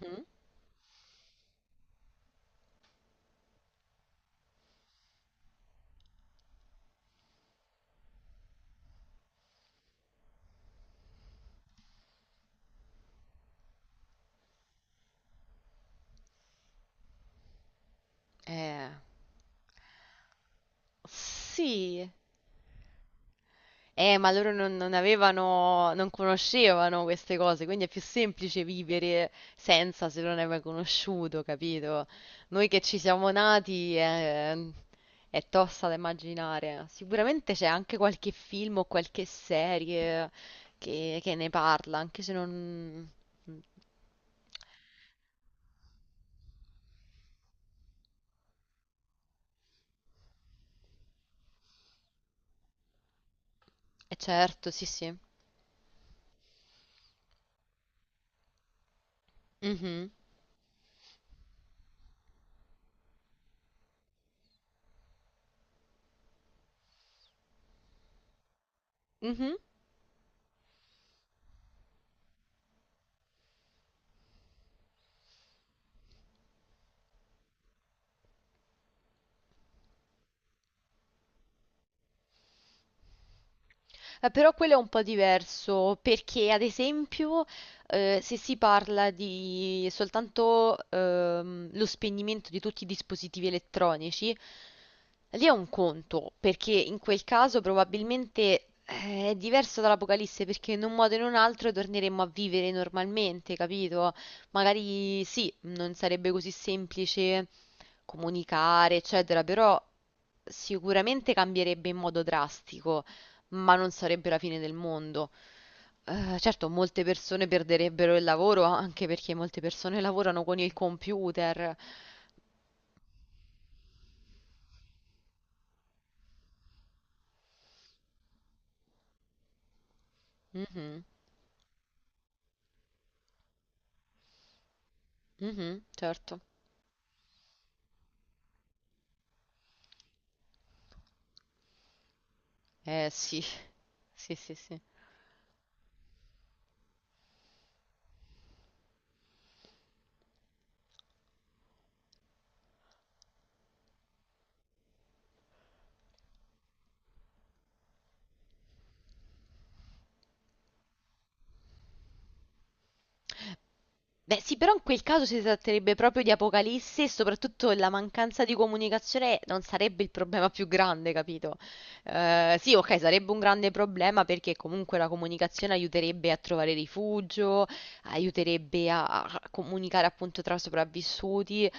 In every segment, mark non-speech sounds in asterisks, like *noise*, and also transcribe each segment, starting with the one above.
Mhm. Eh, sì, ma loro non avevano, non conoscevano queste cose, quindi è più semplice vivere senza se non hai mai conosciuto, capito? Noi che ci siamo nati è tosta da immaginare. Sicuramente c'è anche qualche film o qualche serie che ne parla, anche se non... è certo, sì, sì. Mhm. Mhm. Però quello è un po' diverso perché, ad esempio, se si parla di soltanto lo spegnimento di tutti i dispositivi elettronici, lì è un conto, perché in quel caso probabilmente è diverso dall'Apocalisse, perché in un modo o in un altro torneremmo a vivere normalmente, capito? Magari sì, non sarebbe così semplice comunicare, eccetera, però sicuramente cambierebbe in modo drastico ma non sarebbe la fine del mondo. Certo, molte persone perderebbero il lavoro anche perché molte persone lavorano con il computer. Mhm, mhm, certo. Eh sì, sì, sì, sì. Beh, sì, però in quel caso si tratterebbe proprio di apocalisse e soprattutto la mancanza di comunicazione non sarebbe il problema più grande, capito? Sì, ok, sarebbe un grande problema perché comunque la comunicazione aiuterebbe a trovare rifugio, aiuterebbe a comunicare appunto tra sopravvissuti,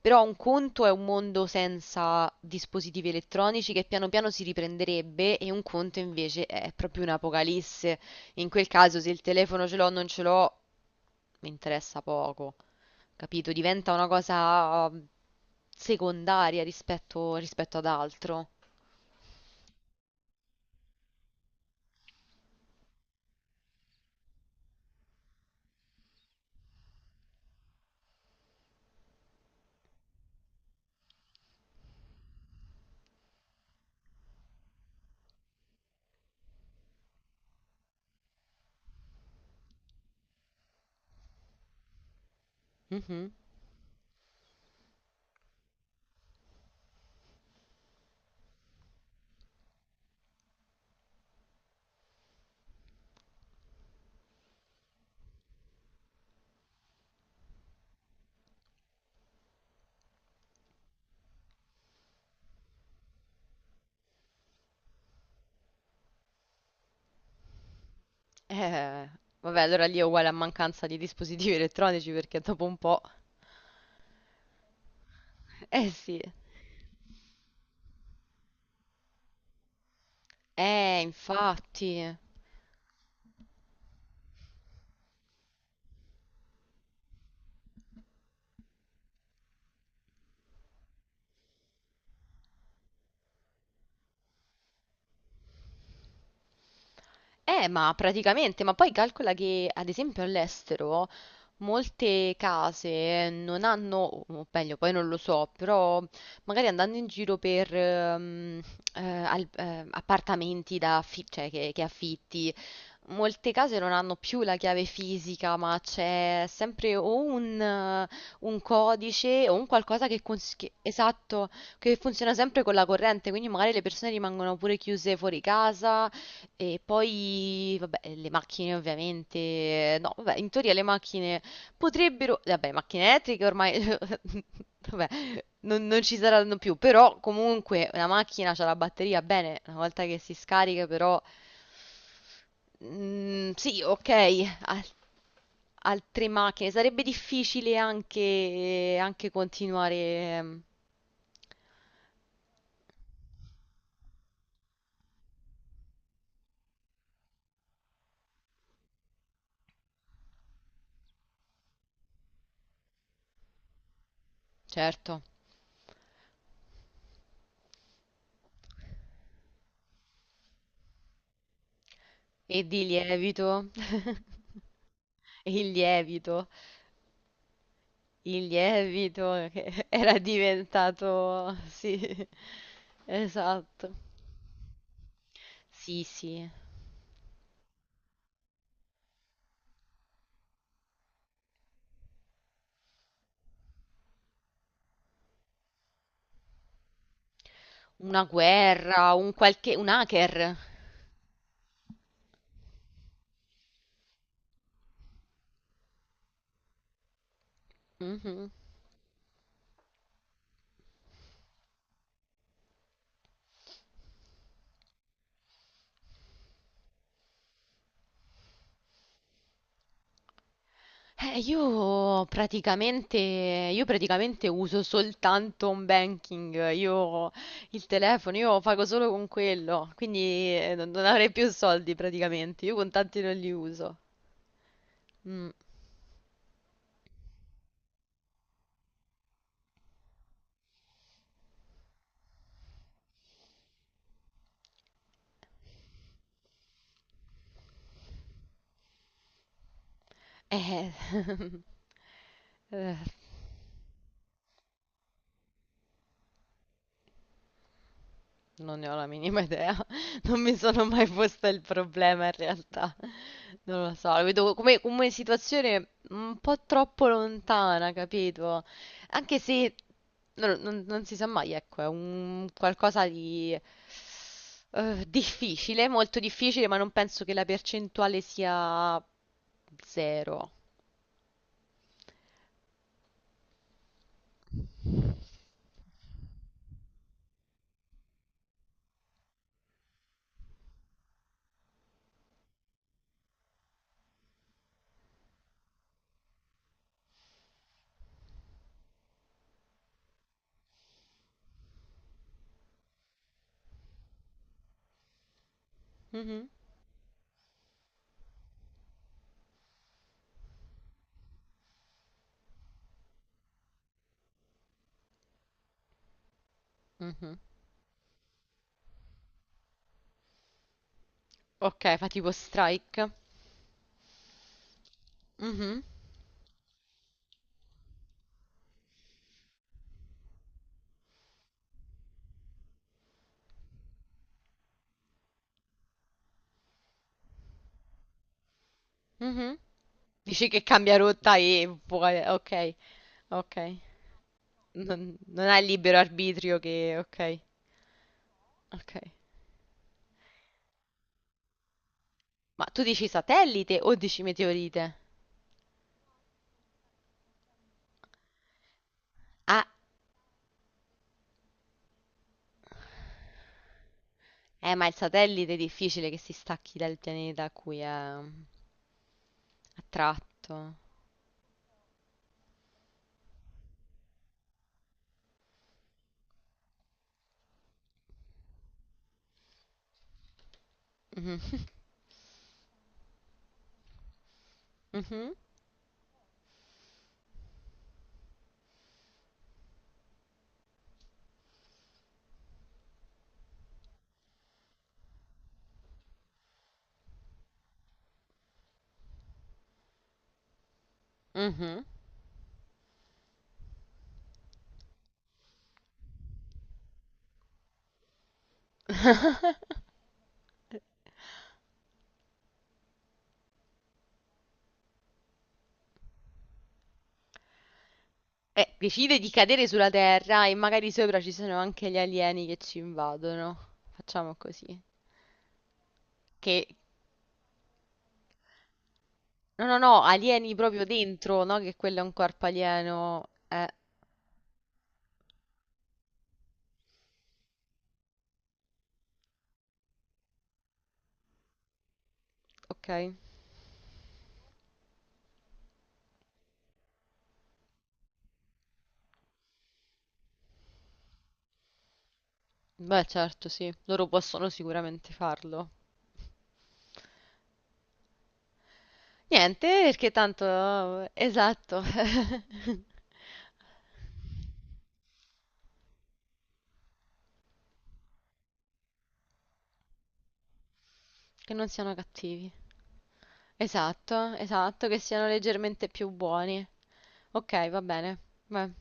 però un conto è un mondo senza dispositivi elettronici che piano piano si riprenderebbe e un conto invece è proprio un'apocalisse. In quel caso, se il telefono ce l'ho o non ce l'ho, mi interessa poco, capito? Diventa una cosa secondaria rispetto ad altro. Mhm. Eh, vabbè, allora lì è uguale a mancanza di dispositivi elettronici perché dopo un po'. Eh sì. Infatti. Ma praticamente, ma poi calcola che ad esempio all'estero molte case non hanno, o meglio, poi non lo so, però magari andando in giro per appartamenti da cioè che affitti molte case non hanno più la chiave fisica, ma c'è sempre o un codice o un qualcosa esatto, che funziona sempre con la corrente, quindi magari le persone rimangono pure chiuse fuori casa e poi, vabbè, le macchine ovviamente, no, vabbè, in teoria le macchine potrebbero, vabbè, macchine elettriche ormai, *laughs* vabbè, non ci saranno più, però comunque una macchina c'ha la batteria, bene, una volta che si scarica però... Mm, sì, ok, *laughs* altre macchine. Sarebbe difficile anche continuare, certo. E di lievito, il lievito, il lievito che *laughs* era diventato, sì, *laughs* esatto. Sì, sì, una guerra, un qualche, un hacker. Mhm. Io praticamente uso soltanto un banking, io il telefono, io pago solo con quello, quindi non avrei più soldi praticamente, io contanti non li uso. Mm, eh, eh, non ne ho la minima idea, *laughs* non mi sono mai posta il problema in realtà, non lo so, lo vedo come, come situazione un po' troppo lontana, capito? Anche se non si sa mai, ecco, è un qualcosa di eh, difficile, molto difficile, ma non penso che la percentuale sia zero. Mhm, mhm. Ok, fa tipo strike. Mhm, mhm. Dici che cambia rotta e vuole. Ok, ok. Non hai libero arbitrio che. Ok, ok. Ma tu dici satellite o dici meteorite? Ah, ma il satellite è difficile che si stacchi dal pianeta a cui è attratto. Mhm. *laughs* Mhm. Decide di cadere sulla Terra e magari sopra ci sono anche gli alieni che ci invadono. Facciamo così. Che... No, no, no, alieni proprio dentro, no? Che quello è un corpo alieno. Ok. Beh, certo, sì. Loro possono sicuramente farlo. Niente, perché tanto... Esatto, che non siano cattivi. Esatto, esatto, che siano leggermente più buoni. Ok, va bene. Beh.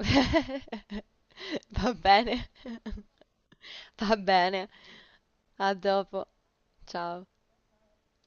*laughs* Va bene, va bene. A dopo. Ciao.